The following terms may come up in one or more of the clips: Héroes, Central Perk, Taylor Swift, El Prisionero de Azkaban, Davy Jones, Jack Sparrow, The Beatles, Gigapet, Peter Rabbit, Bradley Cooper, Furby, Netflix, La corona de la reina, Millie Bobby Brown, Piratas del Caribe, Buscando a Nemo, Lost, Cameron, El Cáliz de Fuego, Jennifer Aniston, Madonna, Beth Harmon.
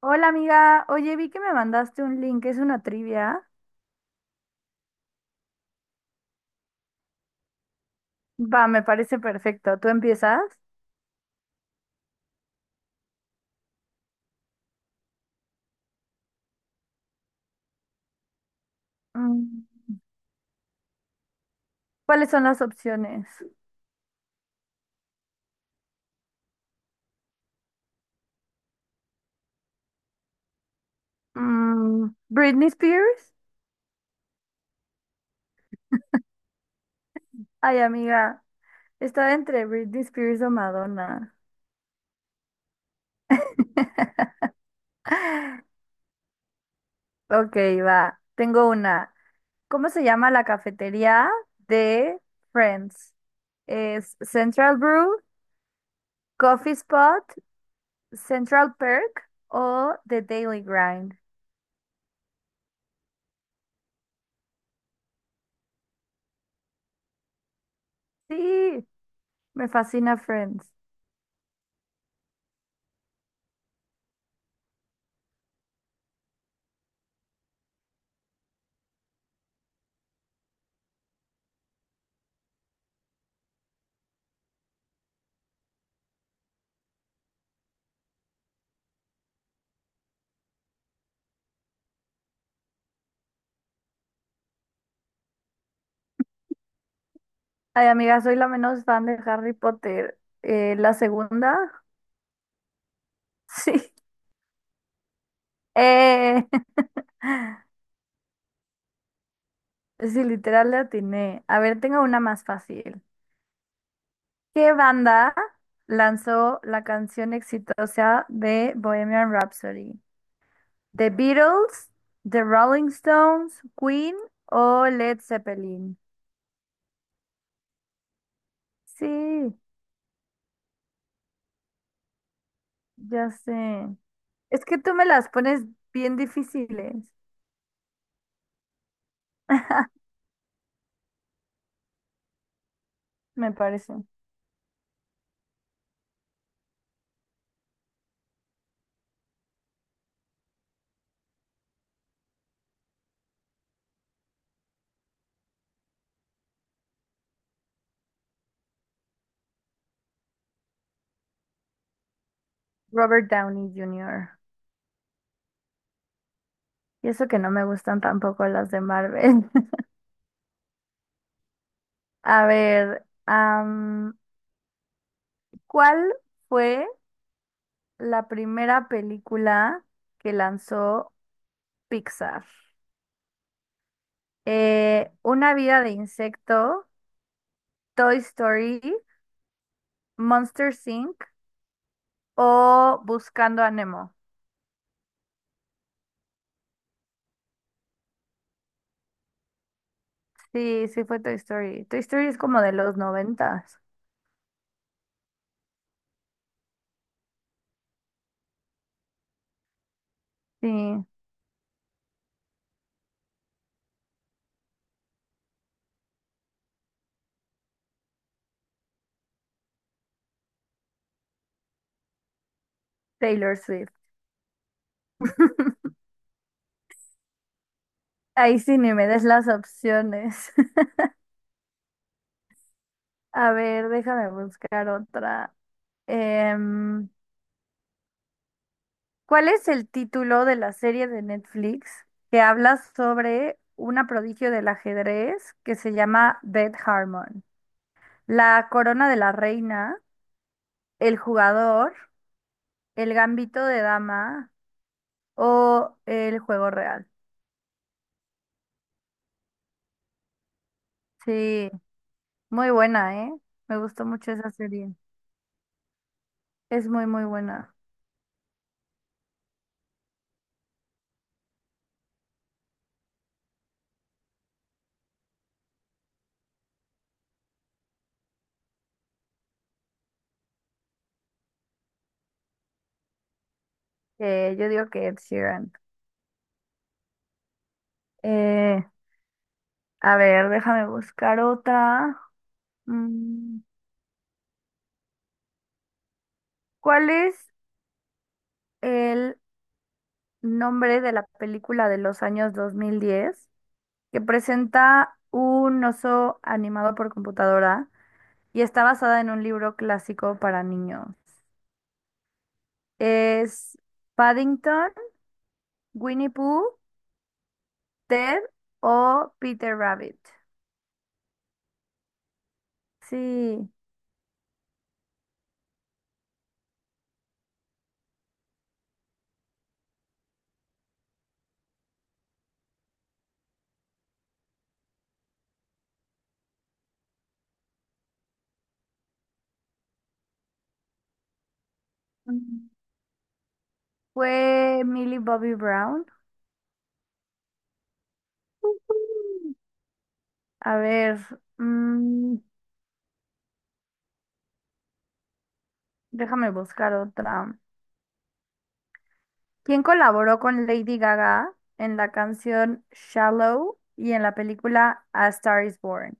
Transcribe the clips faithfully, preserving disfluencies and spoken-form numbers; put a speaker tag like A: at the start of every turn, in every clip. A: Hola amiga, oye, vi que me mandaste un link, es una trivia. Va, me parece perfecto. ¿Tú empiezas? Mm, ¿Cuáles son las opciones? Mm, Britney Spears. Ay, amiga, estaba entre Britney Spears o Madonna. Ok, va. Tengo una. ¿Cómo se llama la cafetería de Friends? ¿Es Central Brew, Coffee Spot, Central Perk o The Daily Grind? Sí. Me fascina Friends. Ay, amiga, soy la menos fan de Harry Potter. Eh, la segunda, sí. Eh, sí, literal le atiné. A ver, tengo una más fácil. ¿Qué banda lanzó la canción exitosa de Bohemian Rhapsody? ¿The Beatles, The Rolling Stones, Queen o Led Zeppelin? Sí, ya sé. Es que tú me las pones bien difíciles, me parece. Robert Downey junior Y eso que no me gustan tampoco las de Marvel. A ver, am, ¿cuál fue la primera película que lanzó Pixar? Eh, ¿Una vida de insecto, Toy Story, Monsters inc o Buscando a Nemo? Sí, sí fue Toy Story. Toy Story es como de los noventas. Sí, Taylor Swift. Ahí sí ni me des las opciones. A ver, déjame buscar otra. Em, ¿cuál es el título de la serie de Netflix que habla sobre una prodigio del ajedrez que se llama Beth Harmon? La corona de la reina, el jugador, el gambito de dama o el juego real. Sí, muy buena, ¿eh? Me gustó mucho esa serie. Es muy, muy buena. Eh, yo digo que Ed Sheeran. Eh, a ver, déjame buscar otra. Mm, ¿Cuál es el nombre de la película de los años dos mil diez que presenta un oso animado por computadora y está basada en un libro clásico para niños? ¿Es Paddington, Winnie Pooh, Ted o Peter Rabbit? Sí, Mm, fue Millie Bobby Brown. Ujú. A ver, mm, déjame buscar otra. Quien colaboró con Lady Gaga en la canción Shallow y en la película A Star is Born.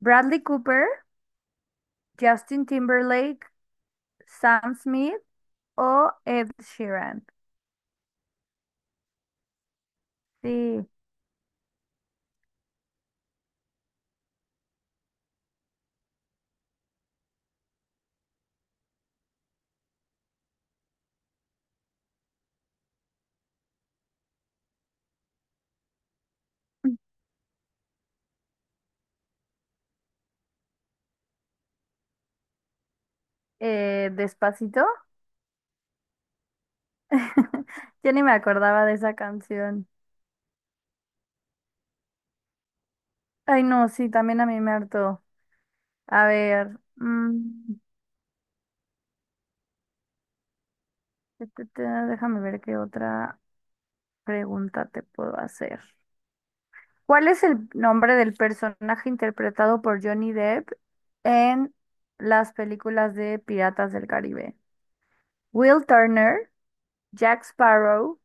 A: Bradley Cooper, Justin Timberlake, Sam Smith o Ed Sheeran. Sí, eh, Despacito. Ya ni me acordaba de esa canción. Ay, no, sí, también a mí me hartó. A ver, mm, ta, ta, ta, déjame ver qué otra pregunta te puedo hacer. ¿Cuál es el nombre del personaje interpretado por Johnny Depp en las películas de Piratas del Caribe? Will Turner, Jack Sparrow,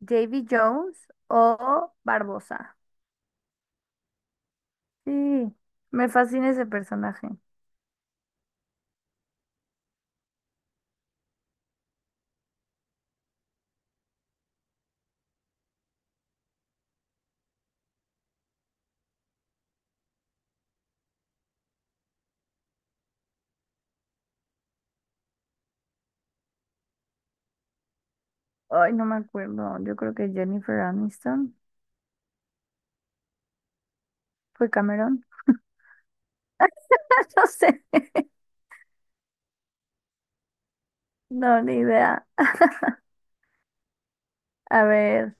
A: Davy Jones o Barbosa. Sí, me fascina ese personaje. Ay, no me acuerdo. Yo creo que Jennifer Aniston. ¿Fue Cameron? No sé. No, ni idea. A ver,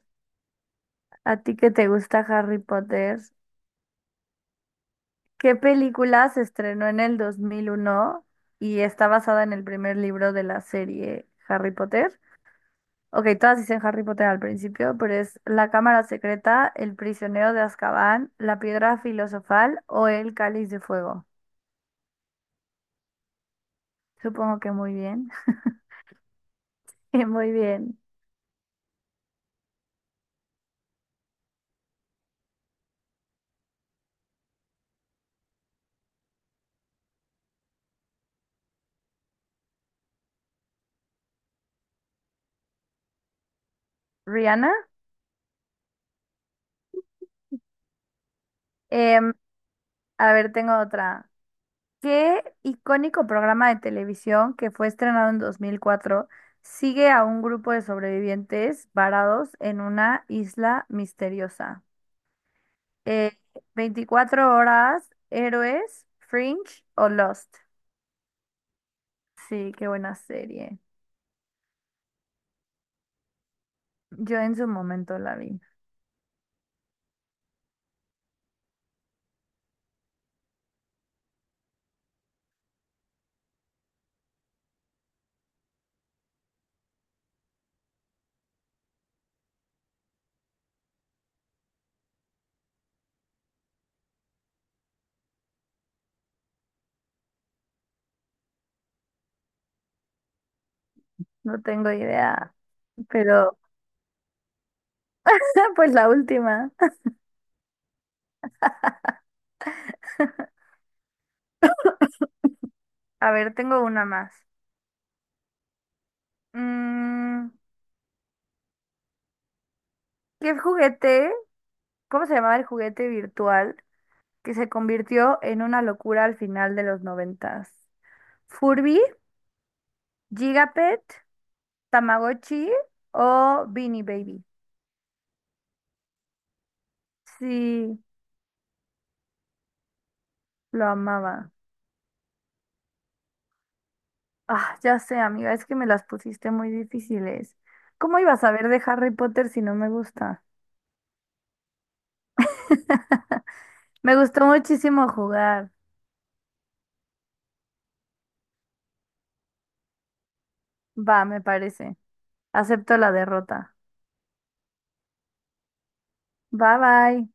A: ¿a ti que te gusta Harry Potter? ¿Qué película se estrenó en el dos mil uno y está basada en el primer libro de la serie Harry Potter? Ok, todas dicen Harry Potter al principio, pero es La Cámara Secreta, El Prisionero de Azkaban, La Piedra Filosofal o El Cáliz de Fuego. Supongo que muy bien. Muy bien. Rihanna. Em, a ver, tengo otra. ¿Qué icónico programa de televisión que fue estrenado en dos mil cuatro sigue a un grupo de sobrevivientes varados en una isla misteriosa? Eh, ¿veinticuatro horas, Héroes, Fringe o Lost? Sí, qué buena serie. Yo en su momento la vi. No tengo idea, pero pues la última. A ver, tengo una más. Mm, ¿qué juguete? ¿Cómo se llamaba el juguete virtual que se convirtió en una locura al final de los noventas? Furby, Gigapet, Tamagotchi o Beanie Baby. Sí, lo amaba. Ah, ya sé, amiga, es que me las pusiste muy difíciles. ¿Cómo iba a saber de Harry Potter si no me gusta? Me gustó muchísimo jugar. Va, me parece. Acepto la derrota. Bye bye.